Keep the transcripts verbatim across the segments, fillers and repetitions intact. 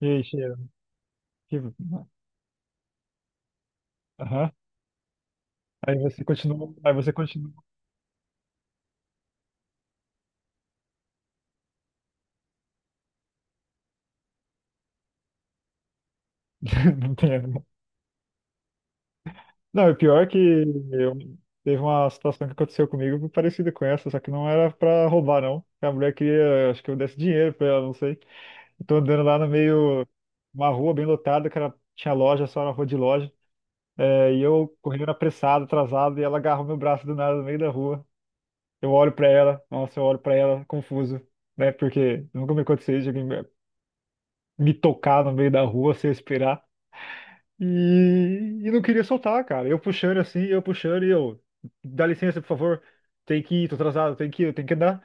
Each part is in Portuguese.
E aí, cheiro. Que... Aham. Aí você continua. Aí você continua. Não tem. Não, o pior é que eu... teve uma situação que aconteceu comigo parecida com essa, só que não era pra roubar, não. A mulher queria, acho que eu desse dinheiro pra ela, não sei. Eu tô andando lá no meio, uma rua bem lotada, que era... tinha loja, só era rua de loja. É, e eu correndo apressado, atrasado, e ela agarrou meu braço do nada no meio da rua. Eu olho pra ela, nossa, eu olho pra ela, confuso, né? Porque nunca me aconteceu isso, me tocar no meio da rua sem eu esperar. E, e não queria soltar, cara. Eu puxando assim, eu puxando e eu, dá licença, por favor. Tem que ir, tô atrasado, tem que ir, eu tenho que andar.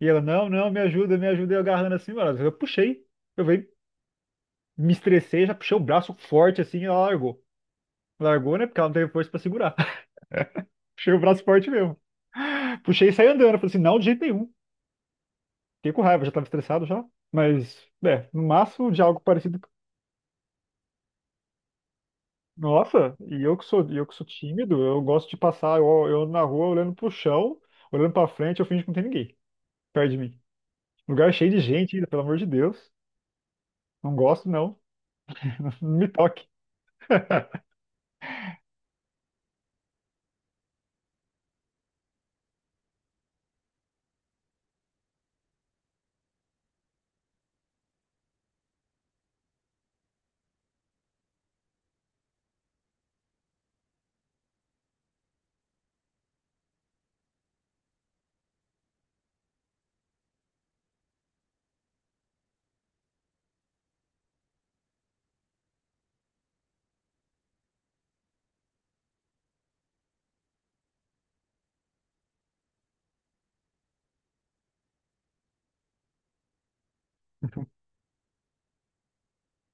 E ela, não, não, me ajuda, me ajuda. E eu agarrando assim, mano. Eu puxei. Eu veio, me estressei, já puxei o braço forte assim e ela largou. Largou, né? Porque ela não teve força pra segurar. Puxei o braço forte mesmo. Puxei e saí andando. Eu falei assim, não, de jeito nenhum. Fiquei com raiva, já tava estressado já. Mas, é, no máximo de algo parecido. Nossa, e eu que sou, e eu que sou tímido, eu gosto de passar, eu, eu ando na rua olhando pro chão, olhando pra frente, eu finjo que não tem ninguém perto de mim. Lugar cheio de gente ainda, pelo amor de Deus. Não gosto, não. Não me toque.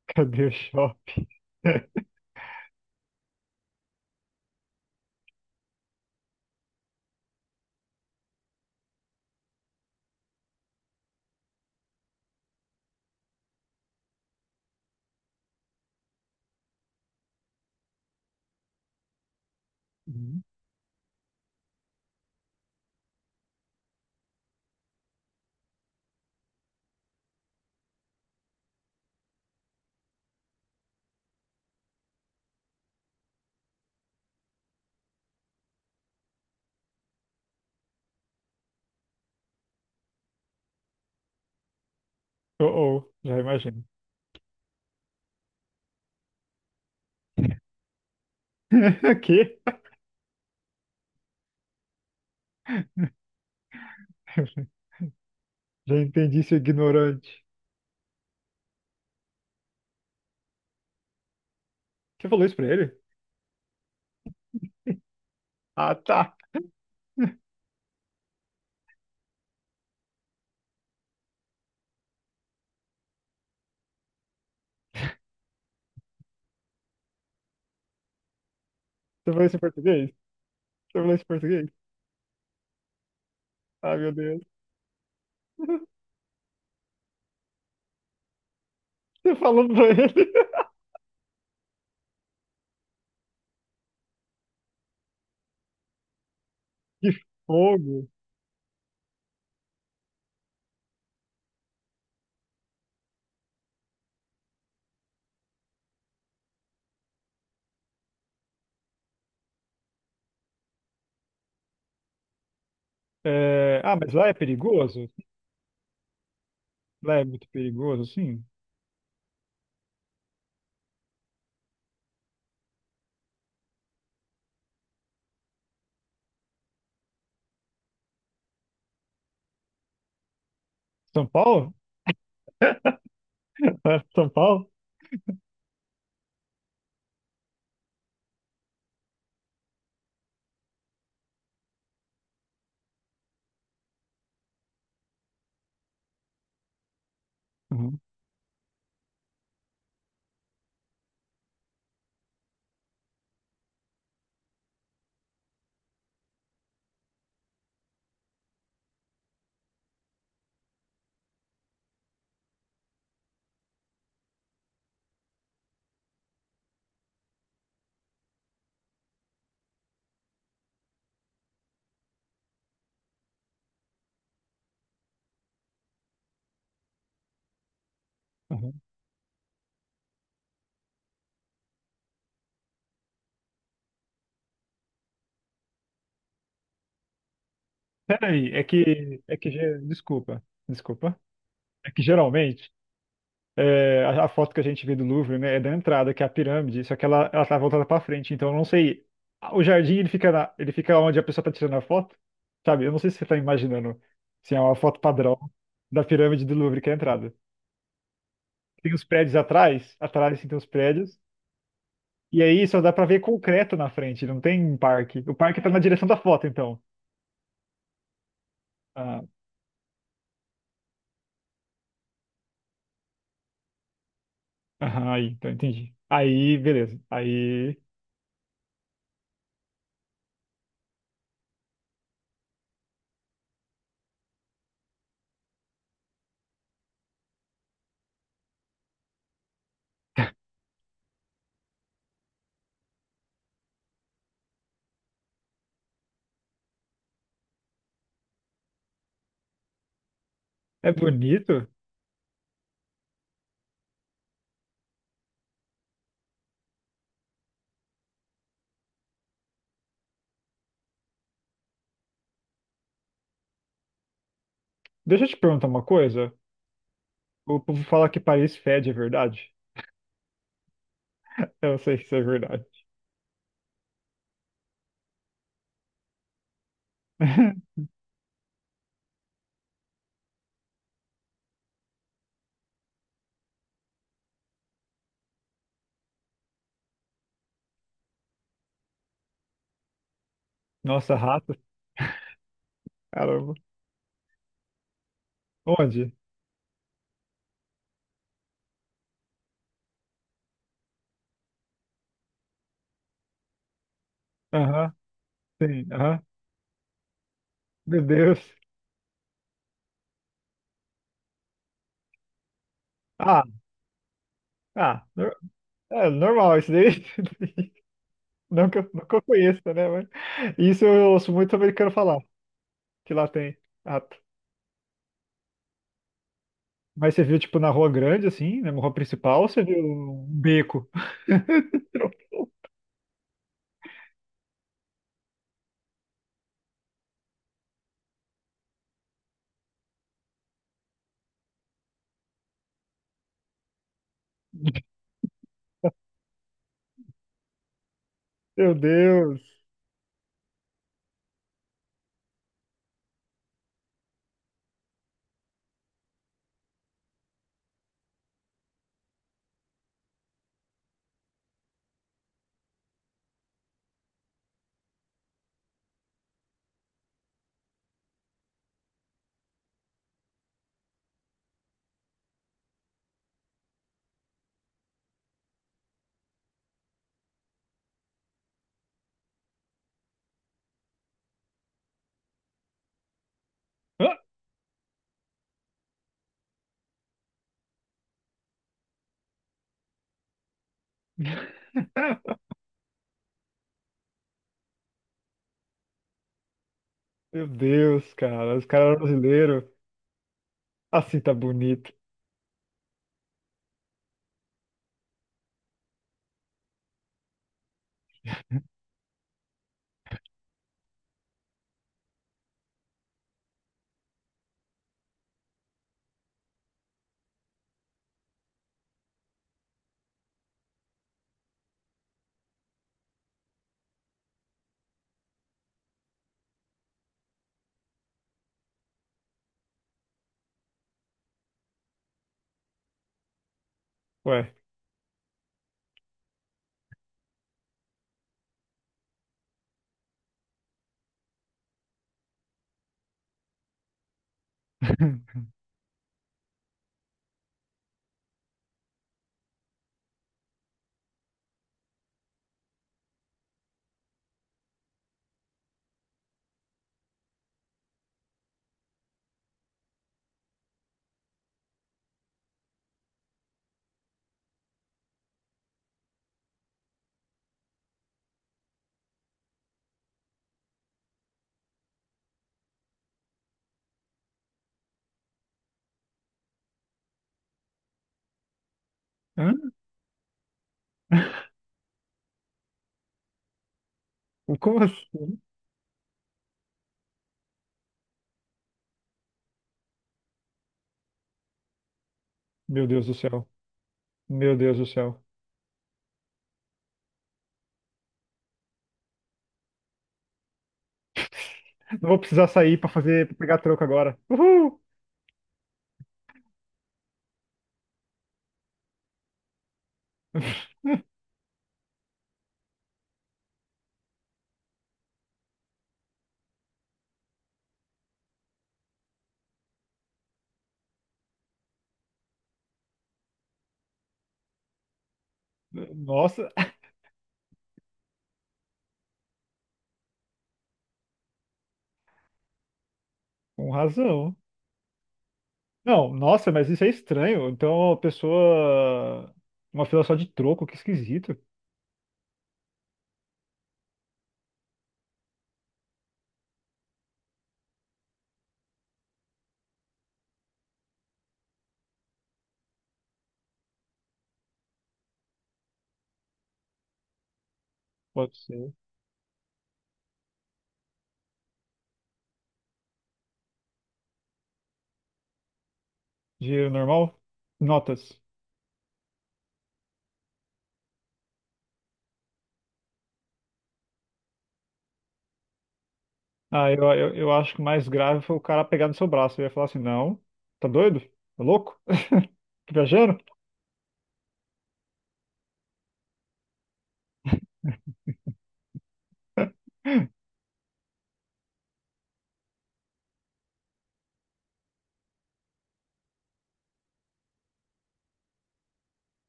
Cadê o shopping? Uhum. Oh, oh, já imagino. Aqui? Já entendi, seu ignorante. Você falou isso pra ele? Ah, tá. Você falou isso em português? Você falou isso em português? Ah, meu Deus. Você falou pra ele. Que fogo. É, ah, mas lá é perigoso? Lá é muito perigoso, sim. São Paulo? É, São Paulo? Uhum, uhum. Peraí, é que, é que, ge- desculpa, desculpa. É que geralmente é, a, a foto que a gente vê do Louvre, né, é da entrada, que é a pirâmide, só que ela, ela tá voltada pra frente, então eu não sei. O jardim, ele fica, na, ele fica onde a pessoa tá tirando a foto, sabe? Eu não sei se você tá imaginando se é uma foto padrão da pirâmide do Louvre, que é a entrada. Tem os prédios atrás, atrás sim, tem os prédios, e aí só dá pra ver concreto na frente, não tem um parque. O parque tá na direção da foto, então. Ah, aham, aí, então entendi. Aí, beleza. Aí, é bonito. Deixa eu te perguntar uma coisa. O povo fala que Paris fede, é verdade? Eu sei que isso é verdade. Nossa, rato, caramba. Onde? Aham, sim, aham. Meu Deus. Ah, ah, nor- é normal isso daí. Nunca, nunca conheço, né? Mas isso eu ouço muito americano falar, que lá tem rato. Mas você viu, tipo, na rua grande, assim, na rua principal, ou você viu um beco? Meu Deus. Hã? Meu Deus, cara. Os caras brasileiros. Assim tá bonito. Ué. Hã? Como assim? Meu Deus do céu. Meu Deus do céu. Não vou precisar sair pra fazer, pra pegar troco agora. Uhul! Nossa, com razão. Não, nossa, mas isso é estranho. Então, a pessoa. Uma fila só de troco, que esquisito. Pode ser. Dinheiro normal? Notas. Ah, eu, eu, eu acho que o mais grave foi o cara pegar no seu braço. Eu ia falar assim: não, tá doido? Tá louco? Tá viajando?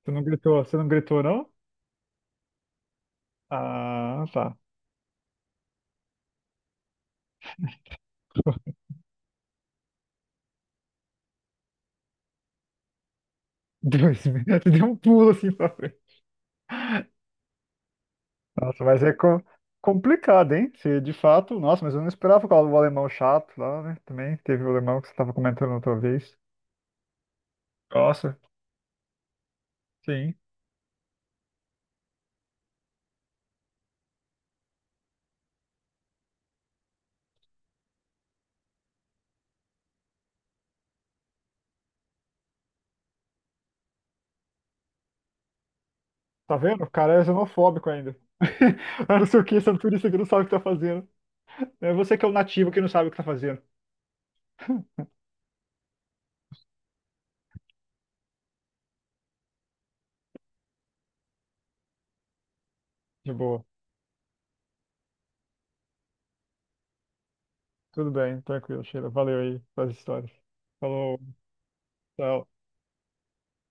Você não gritou, você não gritou, não? Ah, tá. Dois, você deu um pulo assim pra. Nossa, mas é co- complicado, hein? Se de fato, nossa, mas eu não esperava por causa do alemão chato lá, né? Também teve o alemão que você estava comentando outra vez. Nossa, sim. Tá vendo? O cara é xenofóbico ainda. Ah, não sei o que, esse é um turista que não sabe o que tá fazendo. É você que é o nativo que não sabe o que tá fazendo. De boa. Tudo bem, tranquilo, Sheila. Valeu aí pelas histórias. Falou, tchau.